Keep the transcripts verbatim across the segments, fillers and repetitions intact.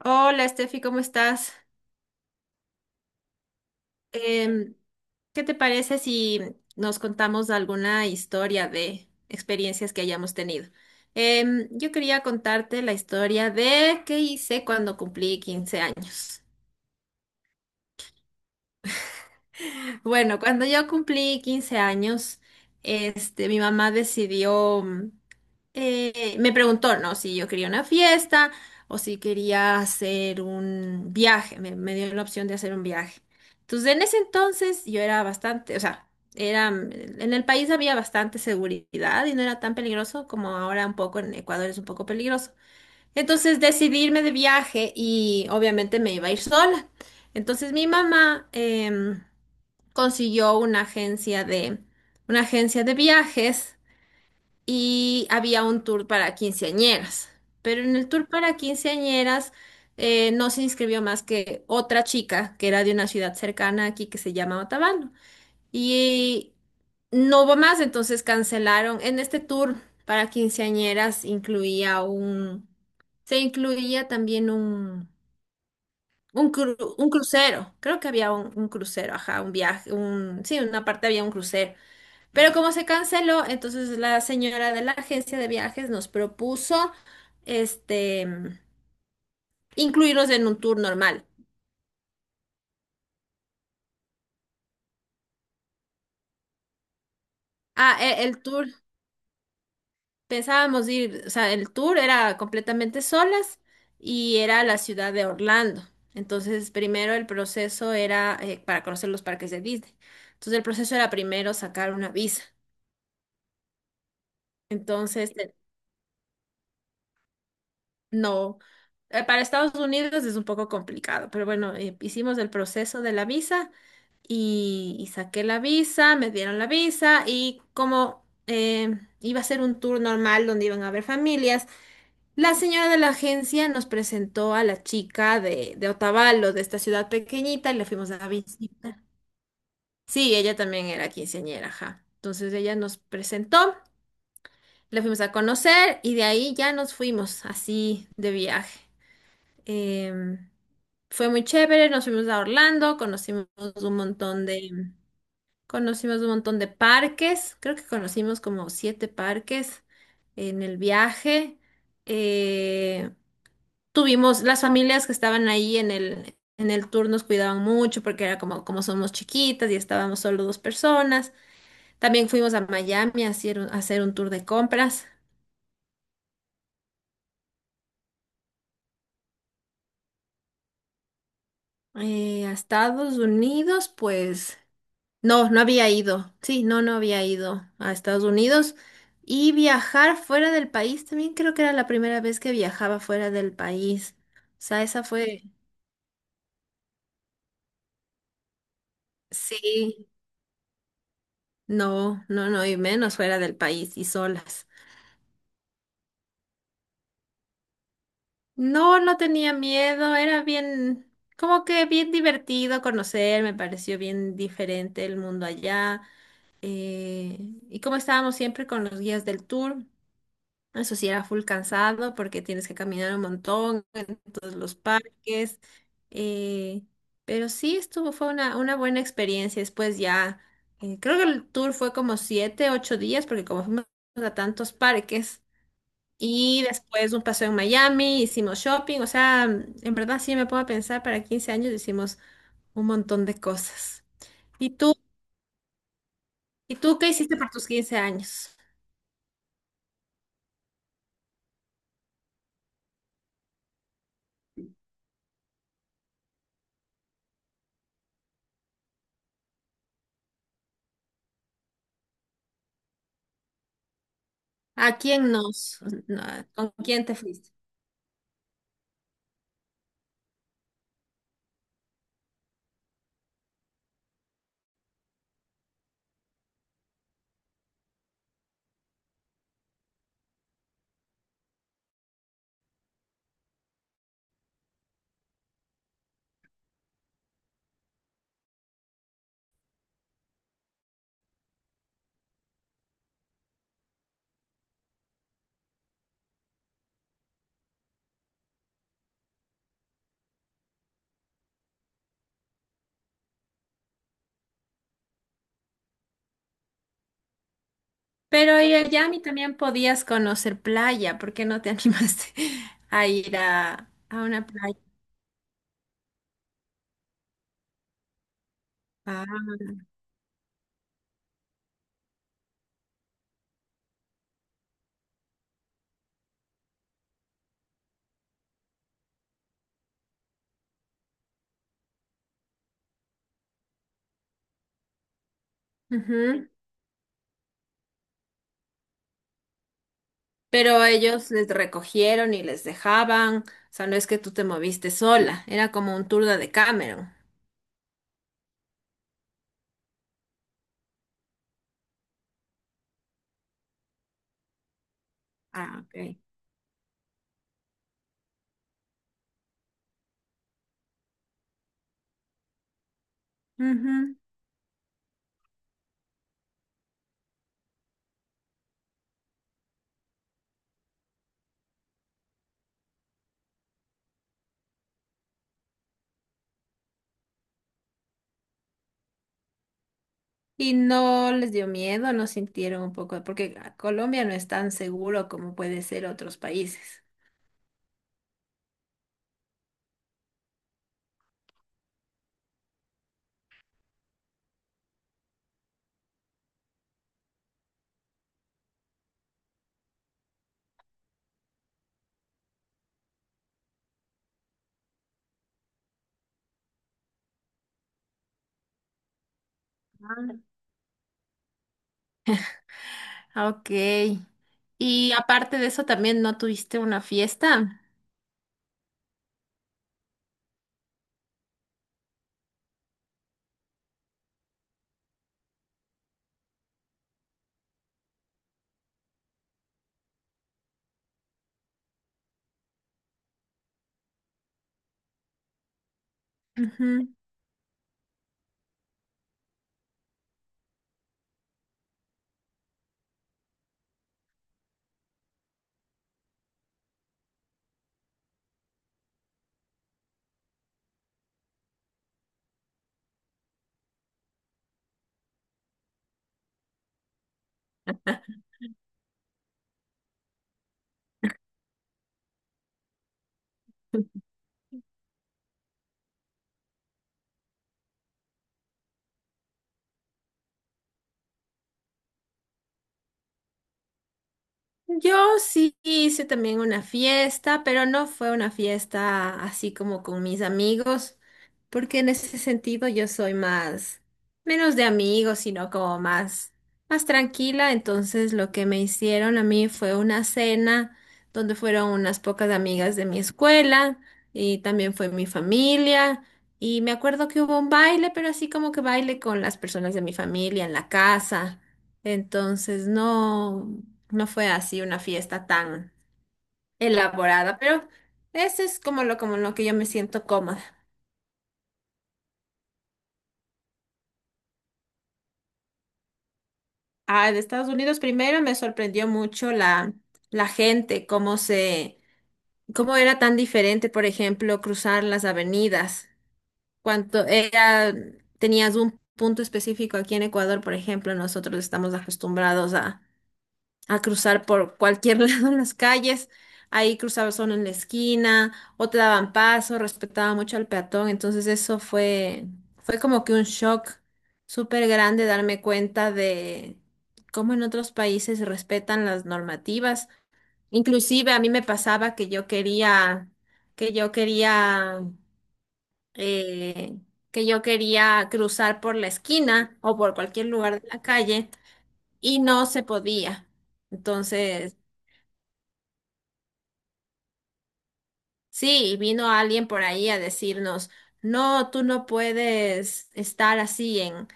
Hola, Steffi, ¿cómo estás? Em, ¿Qué te parece si nos contamos alguna historia de experiencias que hayamos tenido? Em, yo quería contarte la historia de qué hice cuando cumplí quince años. Bueno, cuando yo cumplí quince años, este, mi mamá decidió mm, eh, me preguntó, ¿no? Si yo quería una fiesta o si quería hacer un viaje. Me, me dio la opción de hacer un viaje. Entonces, en ese entonces yo era bastante, o sea, era, en el país había bastante seguridad y no era tan peligroso como ahora. Un poco en Ecuador es un poco peligroso. Entonces decidí irme de viaje y obviamente me iba a ir sola. Entonces mi mamá em, consiguió una agencia de, una agencia de viajes y había un tour para quinceañeras. Pero en el tour para quinceañeras, eh, no se inscribió más que otra chica que era de una ciudad cercana aquí que se llama Otavalo. Y no hubo más, entonces cancelaron. En este tour para quinceañeras incluía un. Se incluía también un, un, cru- un crucero. Creo que había un, un crucero, ajá, un viaje, un, sí, una parte había un crucero. Pero como se canceló, entonces la señora de la agencia de viajes nos propuso este incluirlos en un tour normal. Ah, e- el, tour, pensábamos ir, o sea, el tour era completamente solas y era la ciudad de Orlando. Entonces, primero el proceso era, eh, para conocer los parques de Disney. Entonces, el proceso era primero sacar una visa. Entonces. No, eh, para Estados Unidos es un poco complicado, pero bueno, eh, hicimos el proceso de la visa y, y saqué la visa, me dieron la visa, y como eh, iba a ser un tour normal donde iban a haber familias, la señora de la agencia nos presentó a la chica de, de Otavalo, de esta ciudad pequeñita, y le fuimos a visitar. Sí, ella también era quinceañera, ajá. Entonces ella nos presentó, la fuimos a conocer y de ahí ya nos fuimos así de viaje. Em, Fue muy chévere, nos fuimos a Orlando, conocimos un montón de, conocimos un montón de parques. Creo que conocimos como siete parques en el viaje. Eh, Tuvimos, las familias que estaban ahí en el, en el tour nos cuidaban mucho porque era como, como somos chiquitas y estábamos solo dos personas. También fuimos a Miami a hacer un, a hacer un tour de compras. Eh, a Estados Unidos, pues. No, no había ido. Sí, no, no había ido a Estados Unidos. Y viajar fuera del país, también creo que era la primera vez que viajaba fuera del país. O sea, esa fue, sí, no, no, no, y menos fuera del país y solas. No, no tenía miedo, era bien, como que bien divertido conocer, me pareció bien diferente el mundo allá. eh, y como estábamos siempre con los guías del tour. Eso sí era full cansado porque tienes que caminar un montón en todos los parques. eh, pero sí estuvo, fue una, una buena experiencia. Después ya, eh, creo que el tour fue como siete, ocho días porque como fuimos a tantos parques. Y después un paseo en Miami, hicimos shopping. O sea, en verdad sí me puedo pensar, para quince años hicimos un montón de cosas. ¿Y tú? ¿Y tú qué hiciste por tus quince años? ¿A quién nos? No. ¿Con quién te fuiste? Pero y allá a mí también podías conocer playa, ¿por qué no te animaste a ir a, a una playa? Ah, ujú. Pero ellos les recogieron y les dejaban, o sea, no es que tú te moviste sola, era como un tour de Cameron. Ah, ok. Ujú. Y no les dio miedo, no sintieron un poco, porque Colombia no es tan seguro como puede ser otros países. Ah, ok. Y aparte de eso, también no tuviste una fiesta. Ujú. Yo sí hice también una fiesta, pero no fue una fiesta así como con mis amigos, porque en ese sentido yo soy más, menos de amigos, sino como más, más tranquila. Entonces lo que me hicieron a mí fue una cena donde fueron unas pocas amigas de mi escuela, y también fue mi familia. Y me acuerdo que hubo un baile, pero así como que baile con las personas de mi familia en la casa. Entonces, no. No fue así una fiesta tan elaborada, pero eso es como lo, como lo que yo me siento cómoda. Ah, de Estados Unidos primero me sorprendió mucho la, la gente, cómo se, cómo era tan diferente, por ejemplo, cruzar las avenidas. Cuanto era, tenías un punto específico aquí en Ecuador, por ejemplo, nosotros estamos acostumbrados a a cruzar por cualquier lado en las calles. Ahí cruzaba solo en la esquina, o te daban paso, respetaba mucho al peatón. Entonces eso fue, fue como que un shock súper grande darme cuenta de cómo en otros países respetan las normativas. Inclusive a mí me pasaba que yo quería, que yo quería, eh, que yo quería cruzar por la esquina o por cualquier lugar de la calle y no se podía. Entonces. Sí, y vino alguien por ahí a decirnos, no, tú no puedes estar así en,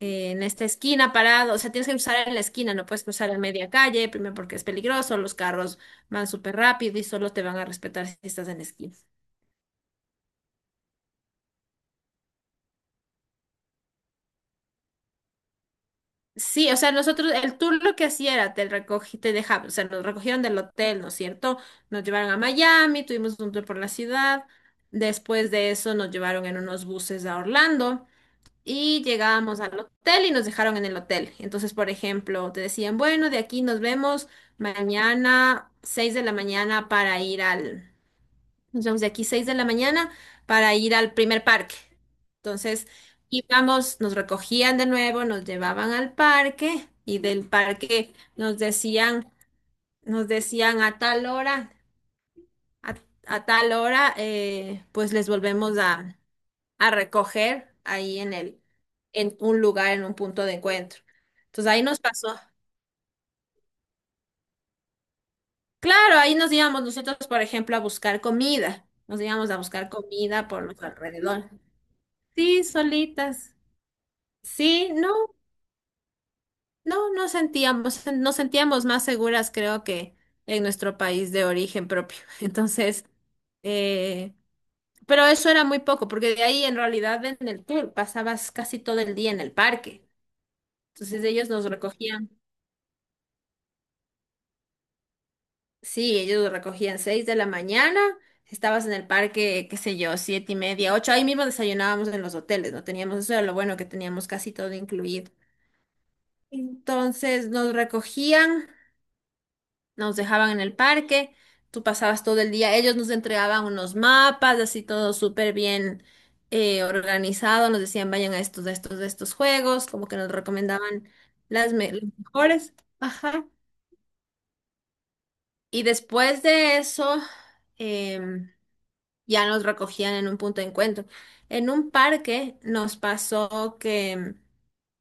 en esta esquina parado, o sea, tienes que cruzar en la esquina, no puedes cruzar en media calle, primero porque es peligroso, los carros van súper rápido y solo te van a respetar si estás en la esquina. Sí, o sea, nosotros, el tour lo que hacía era, te recogí, te dejaba, o sea, nos recogieron del hotel, ¿no es cierto? Nos llevaron a Miami, tuvimos un tour por la ciudad, después de eso nos llevaron en unos buses a Orlando. Y llegábamos al hotel y nos dejaron en el hotel. Entonces, por ejemplo, te decían, bueno, de aquí nos vemos mañana seis de la mañana para ir al, nos vemos de aquí seis de la mañana para ir al primer parque. Entonces, íbamos, nos recogían de nuevo, nos llevaban al parque y del parque nos decían, nos decían a tal hora, a, a tal hora, eh, pues les volvemos a a recoger ahí en el, en un lugar, en un punto de encuentro. Entonces ahí nos pasó. Claro, ahí nos íbamos nosotros, por ejemplo, a buscar comida. Nos íbamos a buscar comida por nuestro alrededor. Sí, solitas. Sí, no, no, no sentíamos, nos sentíamos más seguras, creo que en nuestro país de origen propio. Entonces, eh, pero eso era muy poco, porque de ahí en realidad en el tour pasabas casi todo el día en el parque. Entonces ellos nos recogían. Sí, ellos recogían seis de la mañana, estabas en el parque, qué sé yo, siete y media, ocho, ahí mismo desayunábamos en los hoteles, no teníamos, eso era lo bueno que teníamos casi todo incluido. Entonces nos recogían, nos dejaban en el parque, tú pasabas todo el día, ellos nos entregaban unos mapas, así todo súper bien eh, organizado, nos decían vayan a estos, a estos, a estos juegos, como que nos recomendaban las me- los mejores. Ajá. Y después de eso, em, ya nos recogían en un punto de encuentro. En un parque nos pasó que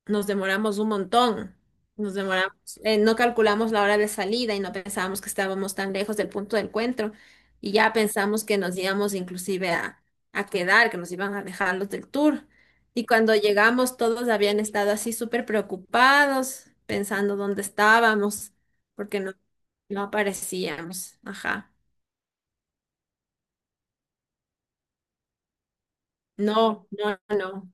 nos demoramos un montón. Nos demoramos, eh, no calculamos la hora de salida y no pensábamos que estábamos tan lejos del punto de encuentro. Y ya pensamos que nos íbamos inclusive a, a quedar, que nos iban a dejar los del tour. Y cuando llegamos, todos habían estado así súper preocupados, pensando dónde estábamos, porque no, no aparecíamos. Ajá. No, no, no.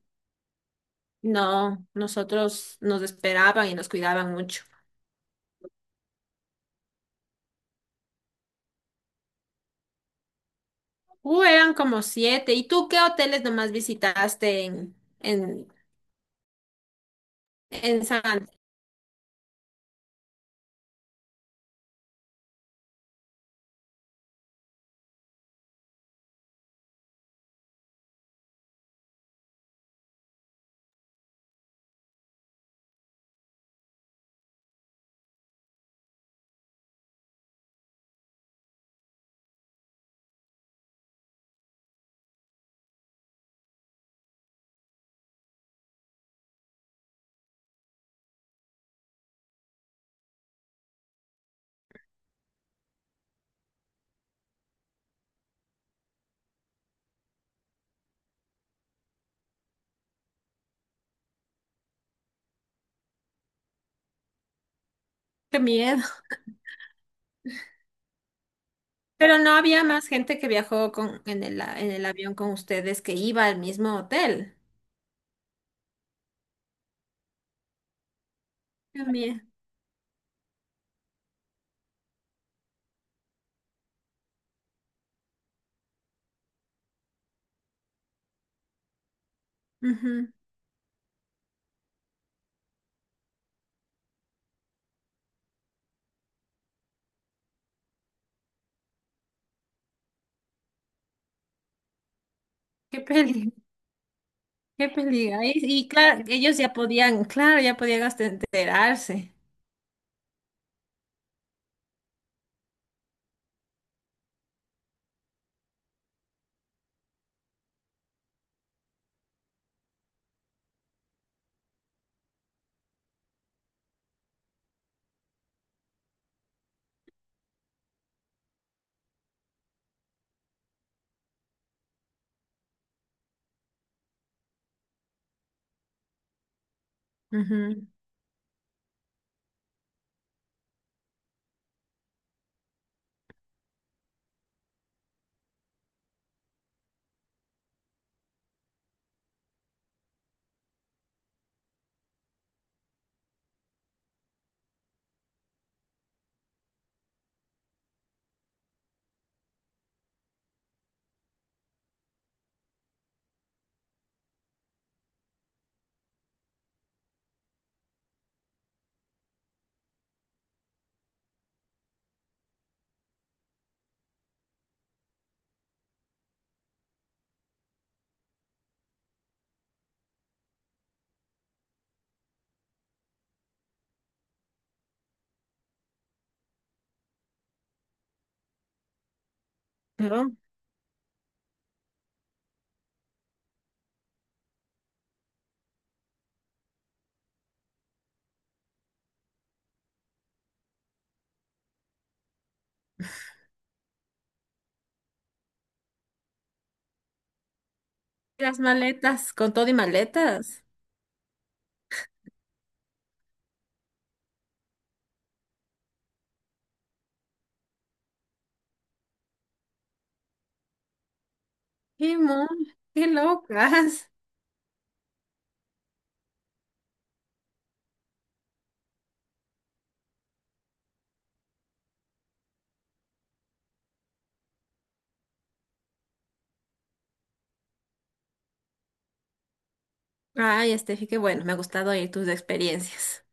No, nosotros nos esperaban y nos cuidaban mucho. Uh, eran como siete. ¿Y tú qué hoteles nomás visitaste en, en, en San Andrés? Qué miedo. Pero no había más gente que viajó con, en el, a- en el avión con ustedes que iba al mismo hotel. Qué miedo. Ujú. Qué peligro, qué peligro. Y, y claro, ellos ya podían, claro, ya podían hasta enterarse. Ujú. Pero las maletas, con todo y maletas. Qué mon, qué locas. Ay, Estefi, qué bueno, me ha gustado oír tus experiencias.